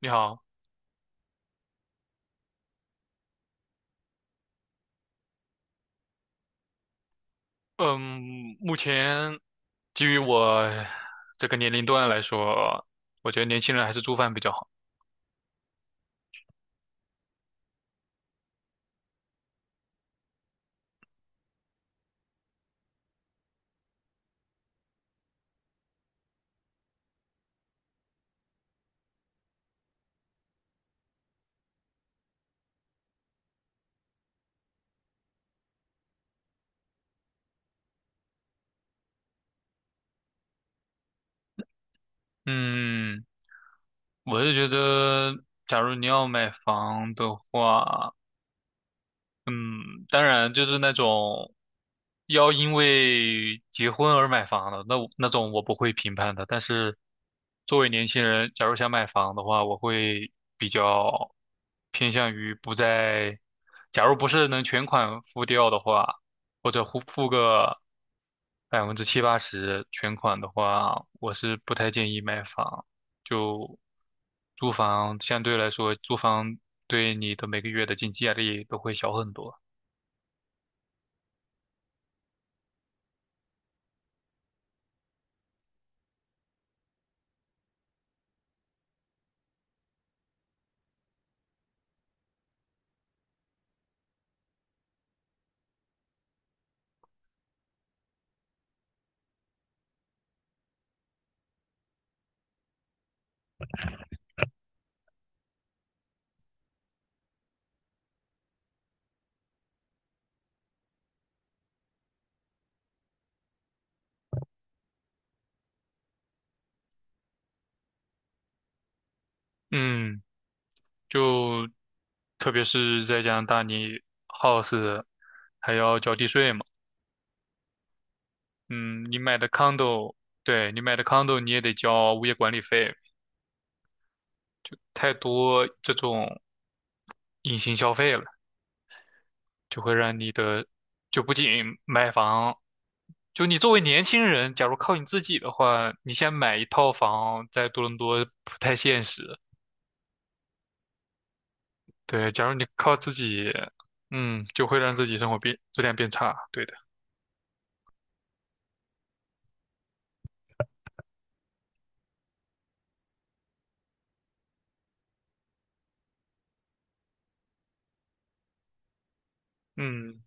你好，嗯，目前基于我这个年龄段来说，我觉得年轻人还是租房比较好。嗯，我是觉得，假如你要买房的话，嗯，当然就是那种要因为结婚而买房的，那我那种我不会评判的。但是作为年轻人，假如想买房的话，我会比较偏向于不在，假如不是能全款付掉的话，或者付个百分之七八十全款的话，我是不太建议买房。就租房相对来说，租房对你的每个月的经济压力都会小很多。嗯，就特别是在加拿大，你 house 还要交地税嘛。嗯，你买的 condo，对，你买的 condo 你也得交物业管理费，就太多这种隐形消费了，就会让你的，就不仅买房，就你作为年轻人，假如靠你自己的话，你先买一套房在多伦多不太现实。对，假如你靠自己，就会让自己生活变质量变差。对的。嗯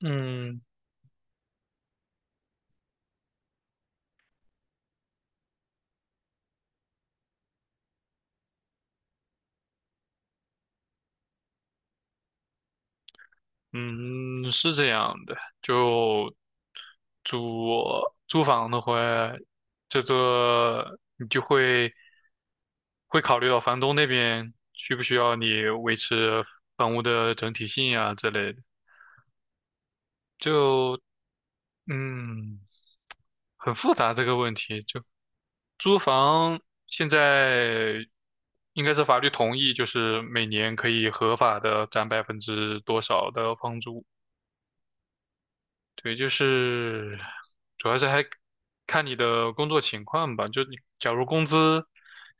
嗯嗯，是这样的，就租租房的话，这个你就会考虑到房东那边需不需要你维持房屋的整体性啊之类的，就嗯很复杂这个问题。就租房现在应该是法律同意，就是每年可以合法的占百分之多少的房租。对，就是主要是还看你的工作情况吧。就你假如工资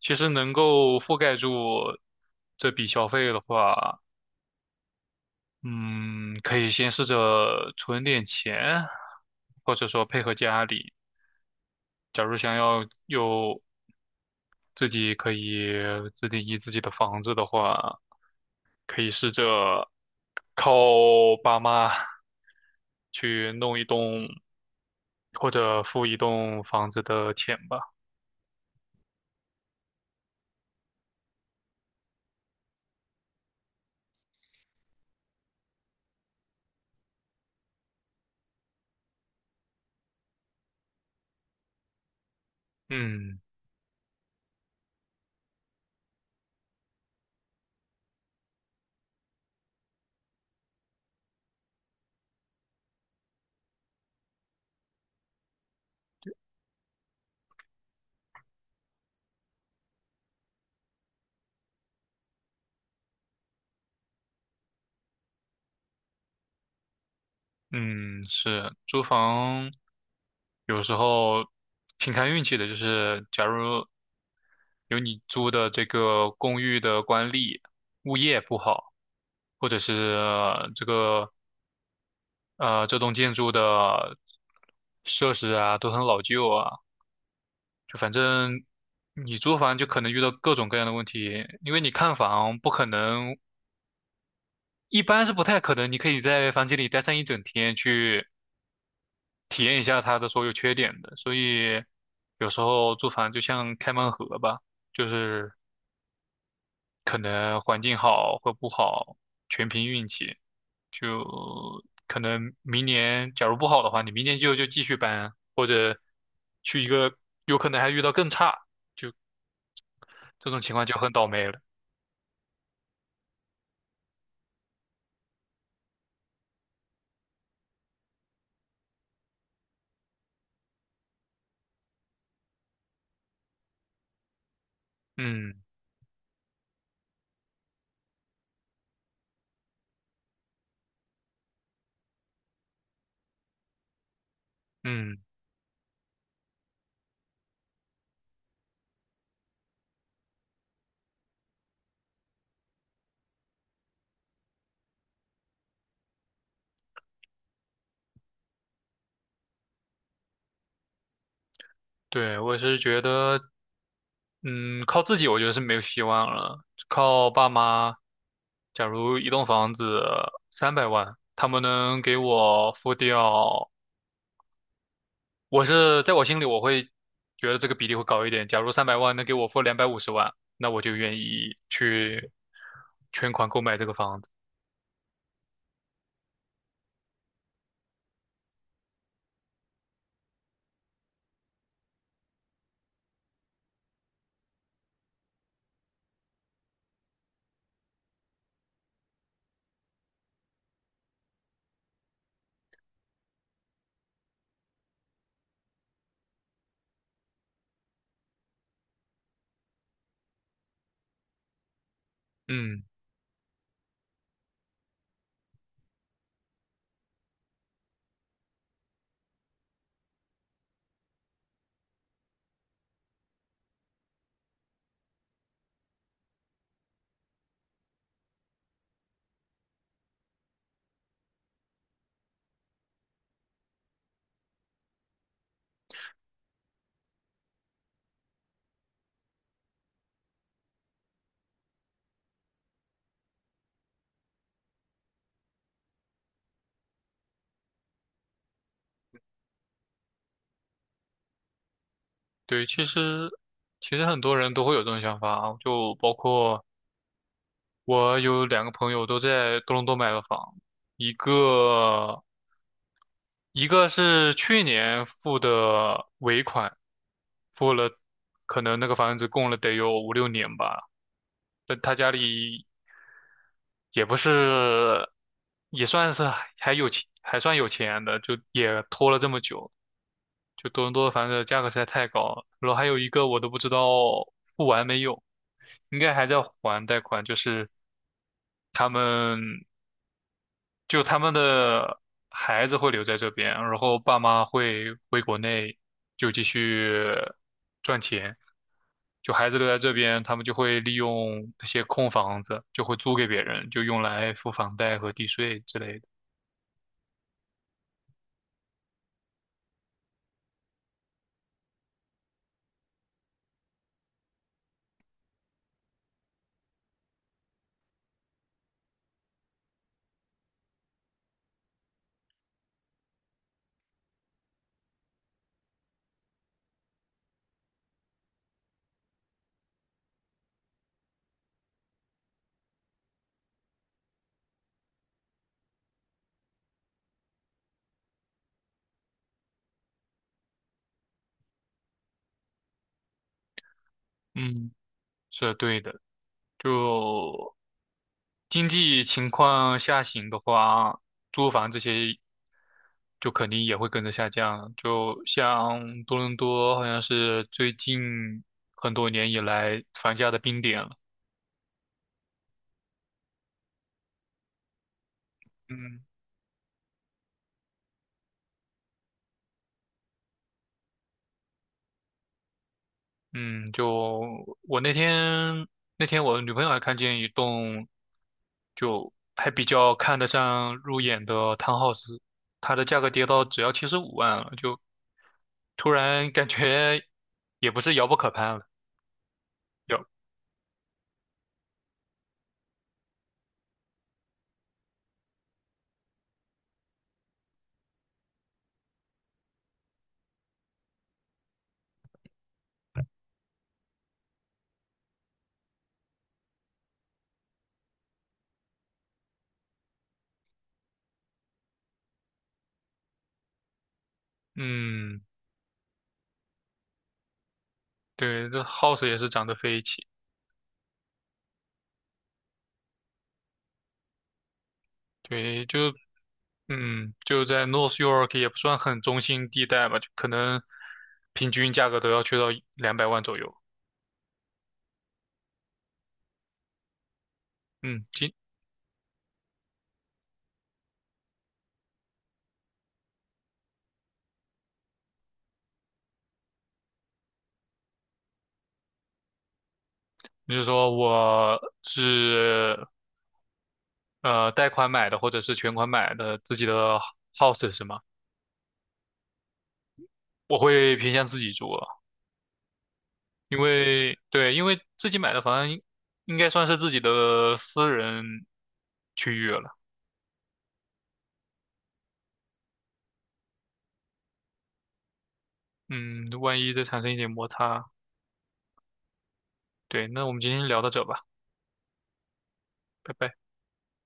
其实能够覆盖住这笔消费的话，嗯，可以先试着存点钱，或者说配合家里。假如想要有自己可以自定义自己的房子的话，可以试着靠爸妈去弄一栋或者付一栋房子的钱吧。嗯嗯，是租房有时候挺看运气的，就是假如有你租的这个公寓的管理物业不好，或者是这个这栋建筑的设施啊都很老旧啊，就反正你租房就可能遇到各种各样的问题，因为你看房不可能，一般是不太可能，你可以在房间里待上一整天去。体验一下它的所有缺点的。所以有时候租房就像开盲盒吧，就是可能环境好或不好，全凭运气。就可能明年假如不好的话，你明年就继续搬，或者去一个有可能还遇到更差，就这种情况就很倒霉了。嗯嗯，对，我是觉得嗯，靠自己我觉得是没有希望了，靠爸妈。假如一栋房子三百万，他们能给我付掉，我是在我心里我会觉得这个比例会高一点。假如三百万能给我付250万，那我就愿意去全款购买这个房子。嗯，对，其实很多人都会有这种想法啊，就包括我有两个朋友都在多伦多买了房，一个一个是去年付的尾款，付了可能那个房子供了得有五六年吧，但他家里也不是，也算是还有钱，还算有钱的，就也拖了这么久。就多伦多的房子价格实在太高了，然后还有一个我都不知道付完没有，应该还在还贷款，就是他们。就他们的孩子会留在这边，然后爸妈会回国内就继续赚钱。就孩子留在这边，他们就会利用那些空房子，就会租给别人，就用来付房贷和地税之类的。嗯，是对的。就经济情况下行的话，租房这些就肯定也会跟着下降。就像多伦多，好像是最近很多年以来房价的冰点了。嗯嗯，就我那天我女朋友还看见一栋就还比较看得上入眼的 townhouse，它的价格跌到只要75万了，就突然感觉也不是遥不可攀了。有，嗯。对，这 house 也是涨得飞起，对，就在 North York 也不算很中心地带吧，就可能平均价格都要去到200万左右。嗯，今你就说我是贷款买的，或者是全款买的自己的 house 是吗？我会偏向自己住了，因为对，因为自己买的房应该算是自己的私人区域了。嗯，万一再产生一点摩擦，对，那我们今天聊到这吧，拜拜。